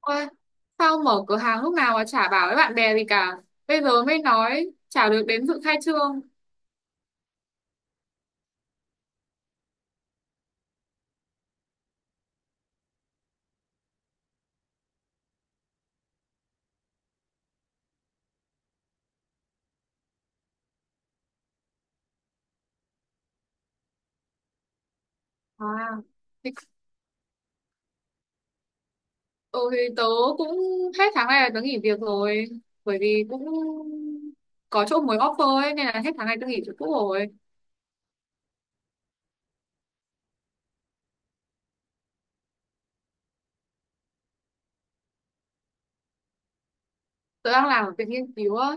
Ôi, sao mở cửa hàng lúc nào mà chả bảo với bạn bè gì cả. Bây giờ mới nói chả được đến dự khai trương. À, thì, ừ, thì tớ cũng hết tháng này là tớ nghỉ việc rồi. Bởi vì cũng có chỗ mới offer ấy, nên là hết tháng này tớ nghỉ chỗ cũ rồi. Tớ đang làm ở viện nghiên cứu á.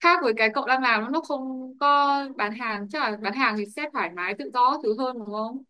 Khác với cái cậu đang làm, nó không có bán hàng. Chắc là bán hàng thì sẽ thoải mái tự do các thứ hơn đúng không?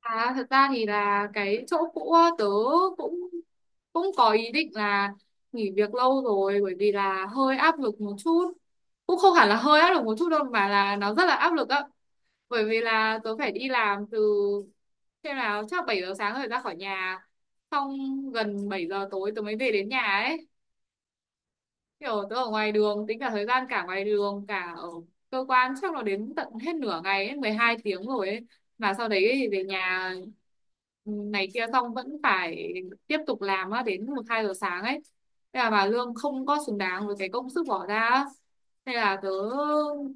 À, thật ra thì là cái chỗ cũ á, tớ cũng cũng có ý định là nghỉ việc lâu rồi, bởi vì là hơi áp lực một chút. Cũng không hẳn là hơi áp lực một chút đâu mà là nó rất là áp lực á, bởi vì là tớ phải đi làm từ, xem nào, chắc 7 giờ sáng rồi ra khỏi nhà, xong gần 7 giờ tối tớ mới về đến nhà ấy. Kiểu tớ ở ngoài đường, tính cả thời gian cả ngoài đường cả ở cơ quan, chắc là đến tận hết nửa ngày ấy, 12 tiếng rồi ấy. Mà sau đấy thì về nhà, ừ, này kia xong vẫn phải tiếp tục làm á đến 1 2 giờ sáng ấy. Thế là bà lương không có xứng đáng với cái công sức bỏ ra á. Thế là tớ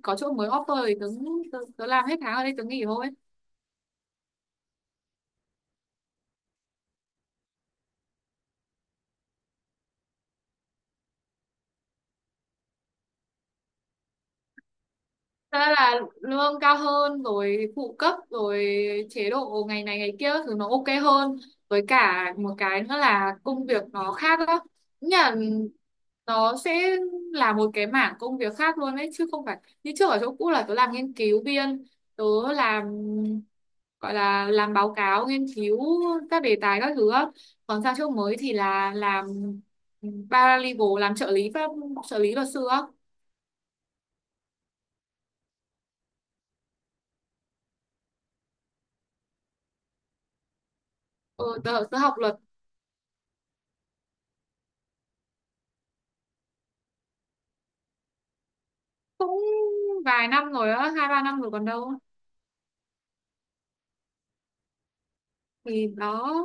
có chỗ mới offer thì tớ làm hết tháng ở đây tớ nghỉ thôi. Thật là lương cao hơn rồi phụ cấp rồi chế độ ngày này ngày kia các thứ nó ok hơn, với cả một cái nữa là công việc nó khác đó. Nghĩa là nó sẽ là một cái mảng công việc khác luôn đấy, chứ không phải như trước ở chỗ cũ là tớ làm nghiên cứu viên, tớ làm, gọi là làm báo cáo nghiên cứu các đề tài các thứ á. Còn sang chỗ mới thì là làm paralegal, làm trợ lý pháp, trợ lý luật sư á. Ừ, tớ học luật cũng vài năm rồi á, 2 3 năm rồi còn đâu. Thì đó.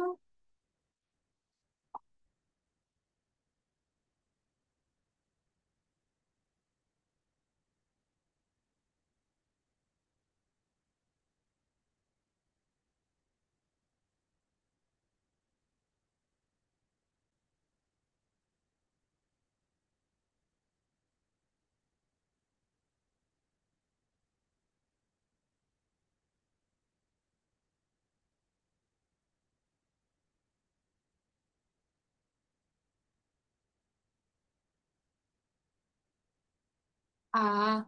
À,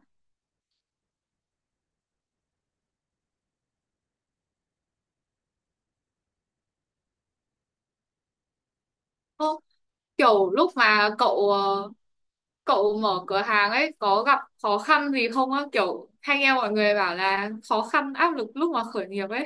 ô, kiểu lúc mà cậu mở cửa hàng ấy có gặp khó khăn gì không á, kiểu hay nghe mọi người bảo là khó khăn áp lực lúc mà khởi nghiệp ấy.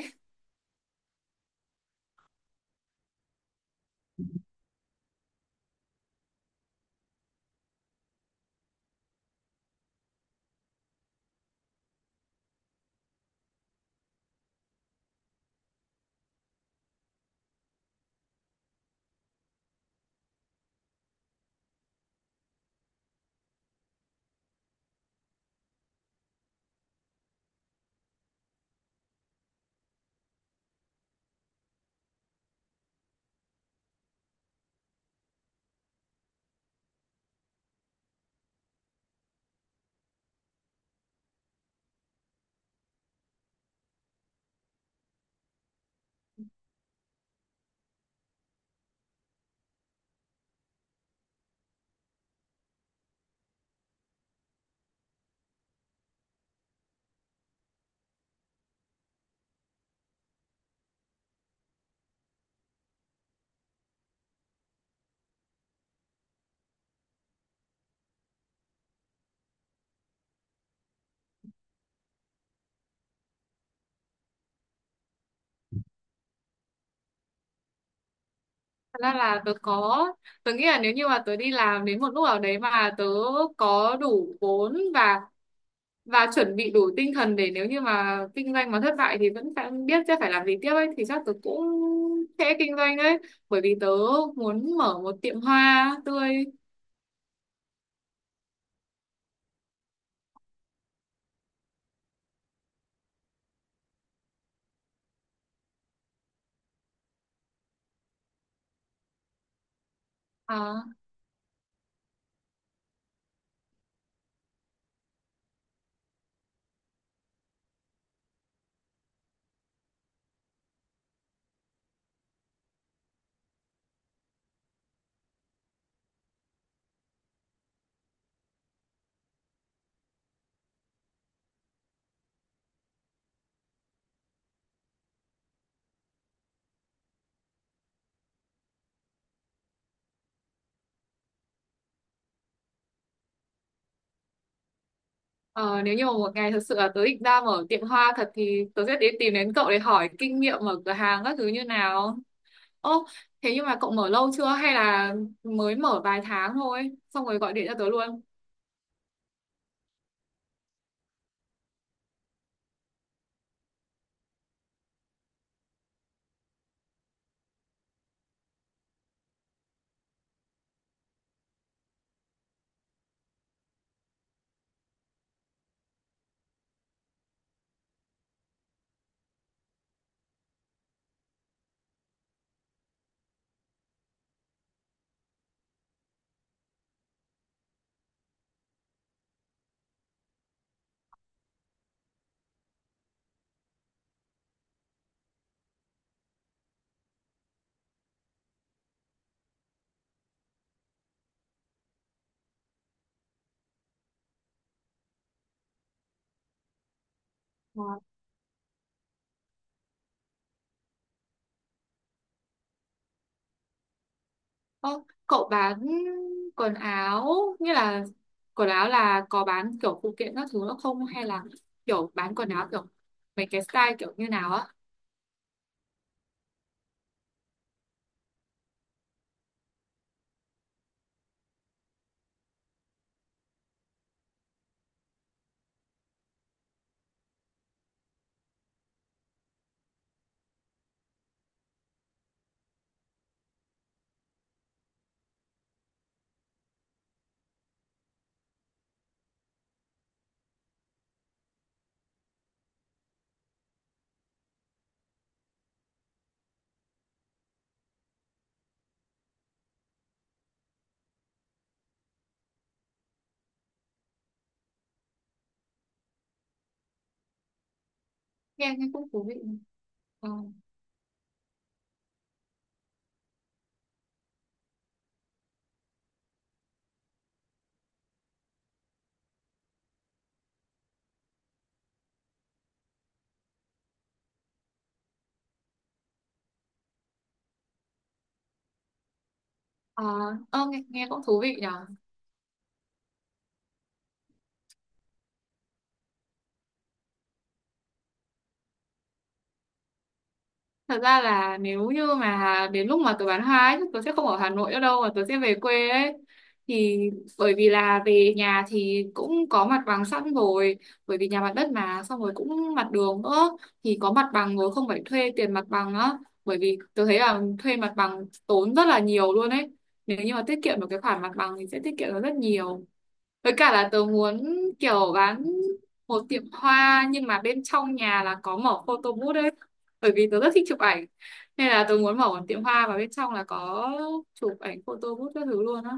Thật ra là tớ có, tớ nghĩ là nếu như mà tớ đi làm đến một lúc nào đấy mà tớ có đủ vốn và chuẩn bị đủ tinh thần để nếu như mà kinh doanh mà thất bại thì vẫn phải biết sẽ phải làm gì tiếp ấy, thì chắc tớ cũng sẽ kinh doanh đấy. Bởi vì tớ muốn mở một tiệm hoa tươi. À, ờ, nếu như mà một ngày thật sự là tớ định ra mở tiệm hoa thật thì tớ sẽ đến, tìm đến cậu để hỏi kinh nghiệm mở cửa hàng các thứ như nào. Ô, thế nhưng mà cậu mở lâu chưa hay là mới mở vài tháng thôi xong rồi gọi điện cho tớ luôn? Ơ, cậu bán quần áo, như là quần áo là có bán kiểu phụ kiện các thứ nữa không hay là kiểu bán quần áo kiểu mấy cái style kiểu như nào á? Nghe nghe cũng thú vị. ờ ờ nghe nghe cũng thú vị nhỉ. Thật ra là nếu như mà đến lúc mà tớ bán hoa ấy, chắc tớ sẽ không ở Hà Nội nữa đâu mà tớ sẽ về quê ấy. Thì bởi vì là về nhà thì cũng có mặt bằng sẵn rồi, bởi vì nhà mặt đất mà, xong rồi cũng mặt đường nữa, thì có mặt bằng rồi, không phải thuê tiền mặt bằng á. Bởi vì tớ thấy là thuê mặt bằng tốn rất là nhiều luôn ấy. Nếu như mà tiết kiệm được cái khoản mặt bằng thì sẽ tiết kiệm được rất nhiều. Với cả là tớ muốn kiểu bán một tiệm hoa nhưng mà bên trong nhà là có mở photo booth ấy. Bởi vì tớ rất thích chụp ảnh. Nên là tớ muốn mở một tiệm hoa và bên trong là có chụp ảnh photo booth các thứ luôn á.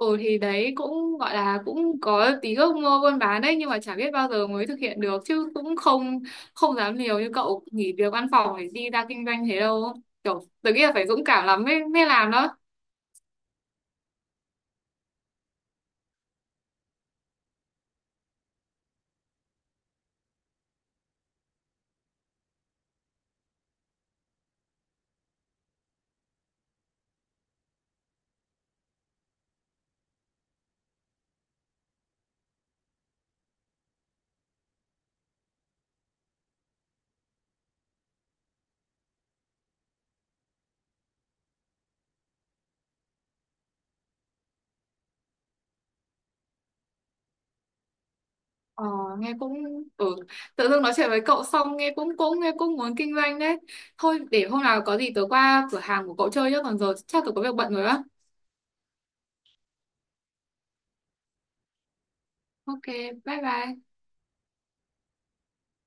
Ồ thì đấy cũng gọi là cũng có tí ước mơ buôn bán đấy, nhưng mà chả biết bao giờ mới thực hiện được, chứ cũng không không dám liều như cậu nghỉ việc văn phòng để đi ra kinh doanh thế đâu. Kiểu tớ nghĩ là phải dũng cảm lắm mới mới làm đó. Ờ, nghe cũng ừ. Tự dưng nói chuyện với cậu xong nghe cũng cũng nghe cũng muốn kinh doanh đấy. Thôi để hôm nào có gì tớ qua cửa hàng của cậu chơi nhá, còn giờ chắc tớ có việc bận rồi á. Ok, bye bye.